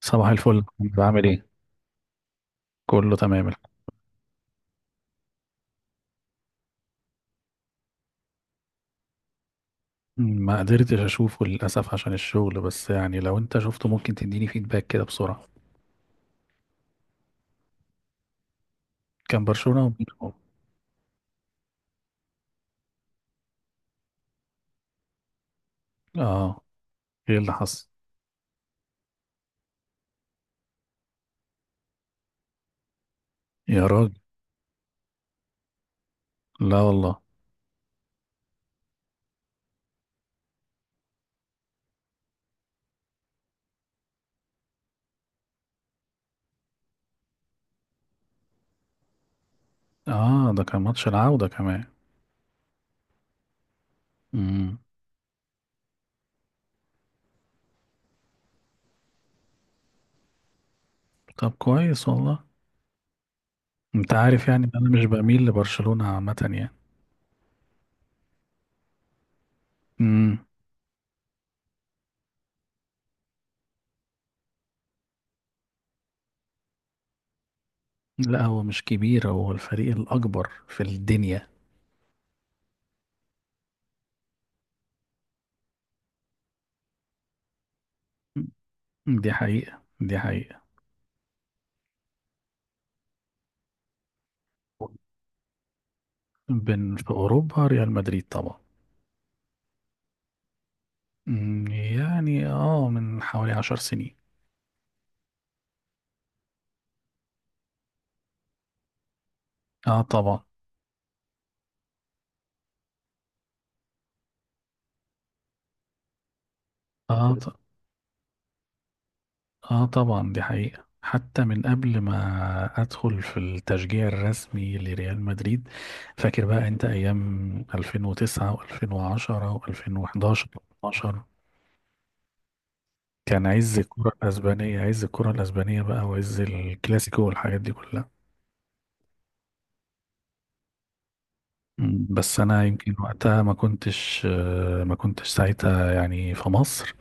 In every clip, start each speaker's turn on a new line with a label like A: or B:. A: صباح الفل، بعمل ايه؟ كله تمام. ما قدرتش اشوفه للاسف عشان الشغل، بس يعني لو انت شفته ممكن تديني فيدباك كده بسرعه. كان برشلونه وبيراميدز. اه، ايه اللي حصل؟ يا راجل، لا والله. اه، ده كان ماتش العوده كمان. امم طب كويس والله. انت عارف يعني إن انا مش بميل لبرشلونه عامه يعني. امم لا، هو مش كبير، هو الفريق الاكبر في الدنيا. دي حقيقه. بن في اوروبا ريال مدريد طبعا. يعني اه، من حوالي 10 سنين. اه طبعا. اه ط... اه طبعا، دي حقيقة، حتى من قبل ما ادخل في التشجيع الرسمي لريال مدريد. فاكر بقى انت ايام 2009 و2010 و2011 و12؟ كان عز الكرة الاسبانية، بقى وعز الكلاسيكو والحاجات دي كلها. بس انا يمكن وقتها ما كنتش، ما كنتش ساعتها يعني في مصر.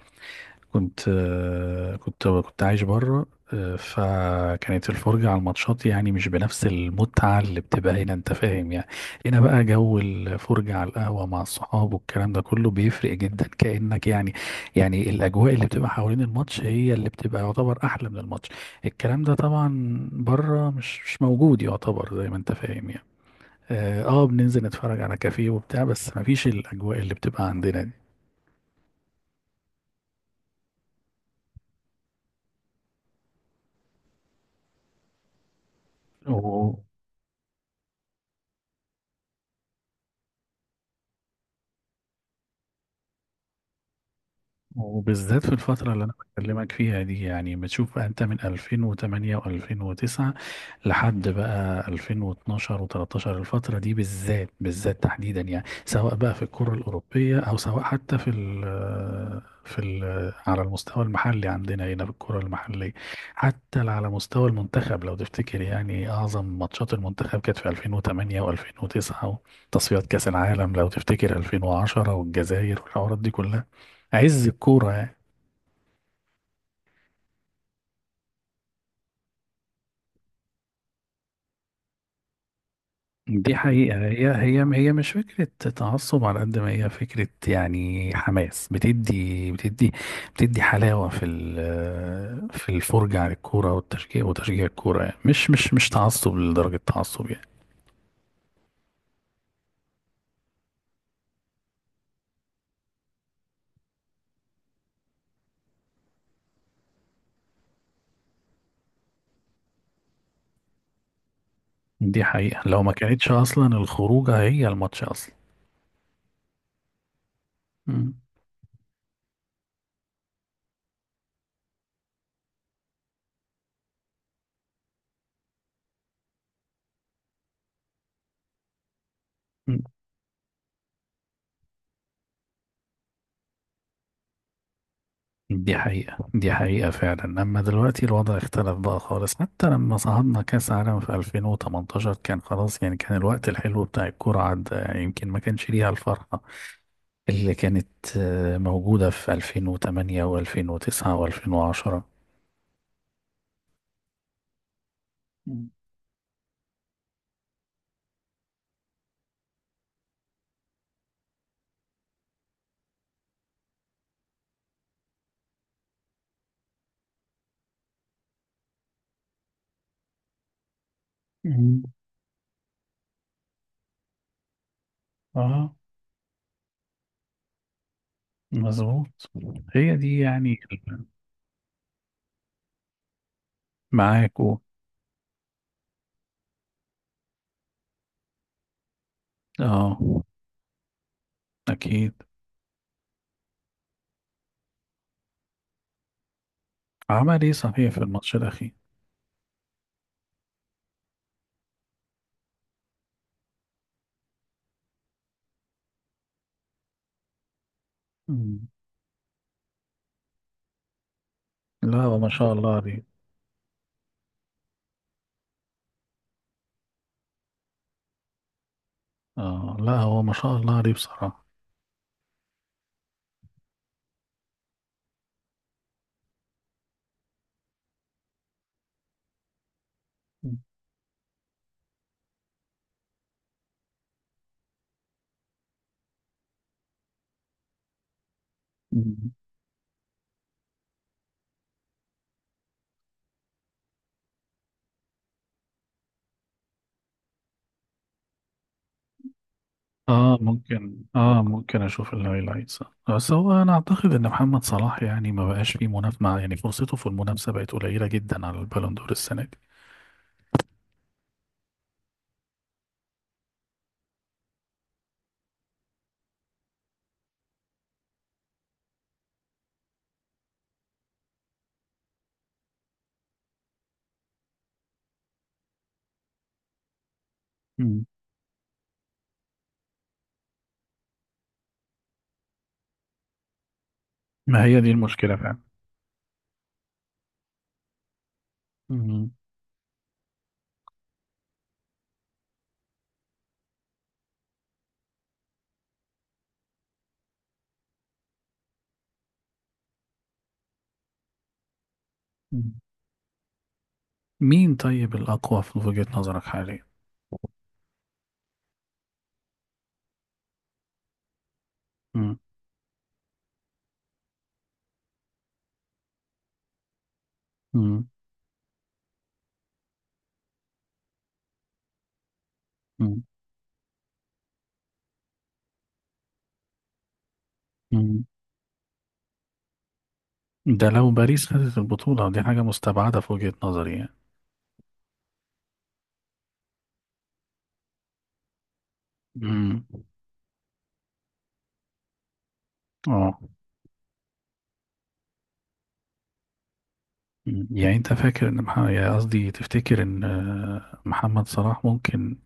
A: كنت، كنت عايش بره. فكانت الفرجة على الماتشات يعني مش بنفس المتعة اللي بتبقى هنا، انت فاهم يعني. هنا بقى جو الفرجة على القهوة مع الصحاب والكلام ده كله بيفرق جدا، كأنك يعني، يعني الأجواء اللي بتبقى حوالين الماتش هي اللي بتبقى يعتبر أحلى من الماتش. الكلام ده طبعا بره مش موجود يعتبر، زي ما انت فاهم يعني. اه، بننزل نتفرج على كافيه وبتاع، بس مفيش الأجواء اللي بتبقى عندنا دي. و... وبالذات في الفترة اللي أنا بكلمك فيها دي، يعني بتشوف بقى أنت من 2008 و2009 لحد بقى 2012 و13. الفترة دي بالذات، تحديدا يعني، سواء بقى في الكرة الأوروبية أو سواء حتى في ال في ال على المستوى المحلي عندنا هنا في الكرة المحلية. حتى على مستوى المنتخب لو تفتكر، يعني أعظم ماتشات المنتخب كانت في 2008 و2009، وتصفيات كأس العالم لو تفتكر 2010، والجزائر والحوارات دي كلها، عز الكورة يعني. دي حقيقة، هي مش فكرة تعصب على قد ما هي فكرة، يعني حماس، بتدي حلاوة في الفرجة على الكورة والتشجيع وتشجيع الكورة، يعني مش تعصب لدرجة تعصب يعني. دي حقيقة، لو ما كانتش أصلا الخروجة هي الماتش أصلا. مم. دي حقيقة فعلا. أما دلوقتي الوضع اختلف بقى خالص، حتى لما صعدنا كأس عالم في 2018 كان خلاص، يعني كان الوقت الحلو بتاع الكورة عدى، يعني يمكن ما كانش ليها الفرحة اللي كانت، موجودة في 2008 و2009 و2010. مم. مم. اه مظبوط. هي دي يعني معاك اه أكيد. عمل إيه صحيح في الماتش الأخير؟ مم. لا هو ما شاء الله عليه. اه لا هو ما شاء الله عليه بصراحة. مم. اه ممكن، اه ممكن اشوف الهايلايتس. بس هو انا اعتقد ان محمد صلاح يعني ما بقاش فيه منافسه، مع يعني فرصته في المنافسه بقت قليله جدا على البالون دور السنه دي. مم. ما هي دي المشكله فعلا. مم. مم. مين طيب الاقوى في وجهه نظرك حاليا؟ مم. مم. مم. مم. ده لو باريس خدت البطوله دي حاجه مستبعده في وجهه نظري يعني. مم. اه. مم. يعني انت فاكر ان يعني قصدي تفتكر ان، محمد صلاح ممكن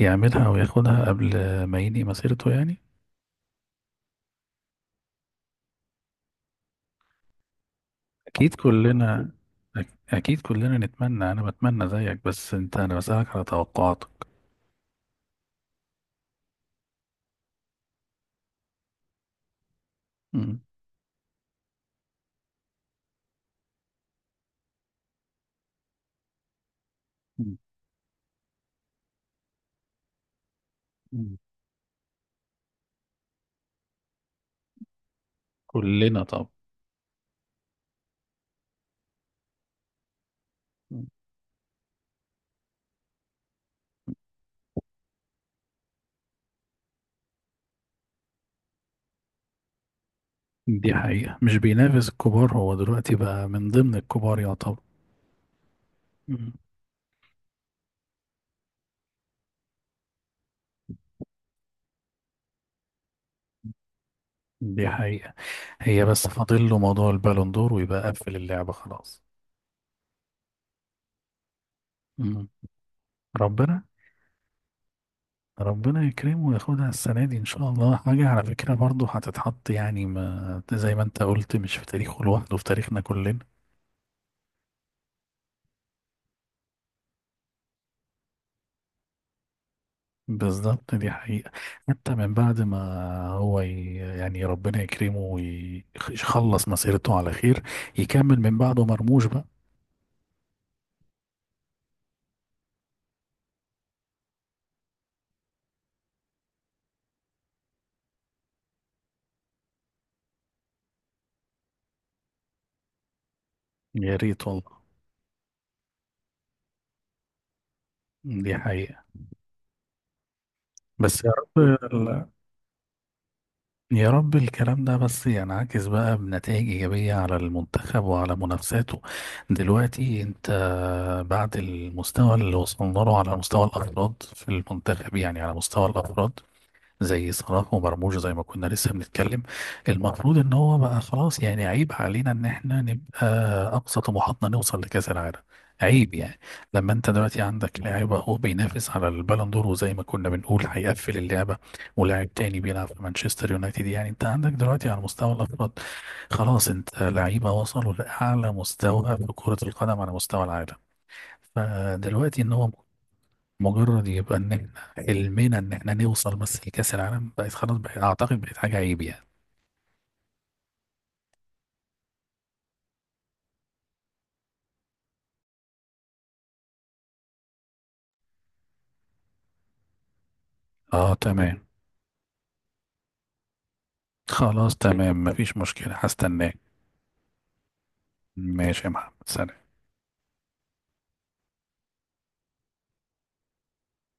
A: يعملها او ياخدها قبل ما ينهي مسيرته يعني؟ اكيد كلنا. اكيد كلنا نتمنى، انا بتمنى زيك، بس انت انا بسألك على توقعاتك. مم. مم. مم. كلنا طب. مم. دي حقيقة، مش بينافس الكبار، هو دلوقتي بقى من ضمن الكبار يعتبر. مم. دي حقيقة. هي بس فاضل له موضوع البالون دور ويبقى قفل اللعبة خلاص. مم. ربنا. ربنا يكرمه وياخدها السنة دي إن شاء الله. حاجة على فكرة برضه هتتحط، يعني ما زي ما أنت قلت، مش في تاريخه لوحده، في تاريخنا كلنا. بالظبط، دي حقيقة. حتى من بعد ما هو يعني ربنا يكرمه ويخلص مسيرته على خير. يكمل من بعده مرموش بقى. يا ريت والله. دي حقيقة. بس يا رب، يا رب الكلام ده بس ينعكس بقى بنتائج إيجابية على المنتخب وعلى منافساته. دلوقتي أنت، بعد المستوى اللي وصلنا له على مستوى الأفراد في المنتخب، يعني على مستوى الأفراد زي صلاح ومرموش، زي ما كنا لسه بنتكلم، المفروض ان هو بقى خلاص، يعني عيب علينا ان احنا نبقى اقصى طموحاتنا نوصل لكاس العالم، عيب يعني. لما انت دلوقتي عندك لاعب اهو بينافس على البالون دور، وزي ما كنا بنقول هيقفل اللعبه، ولاعب تاني بيلعب في مانشستر يونايتد، يعني انت عندك دلوقتي على مستوى الافراد خلاص، انت لعيبه وصلوا لاعلى مستوى في كره القدم على مستوى العالم. فدلوقتي ان هو مجرد يبقى ان احنا حلمنا ان احنا نوصل بس لكأس العالم، بقت خلاص، بقت اعتقد بقت حاجة عيب يعني. اه تمام. خلاص تمام، مفيش مشكلة، هستناك. ماشي يا محمد، سلام.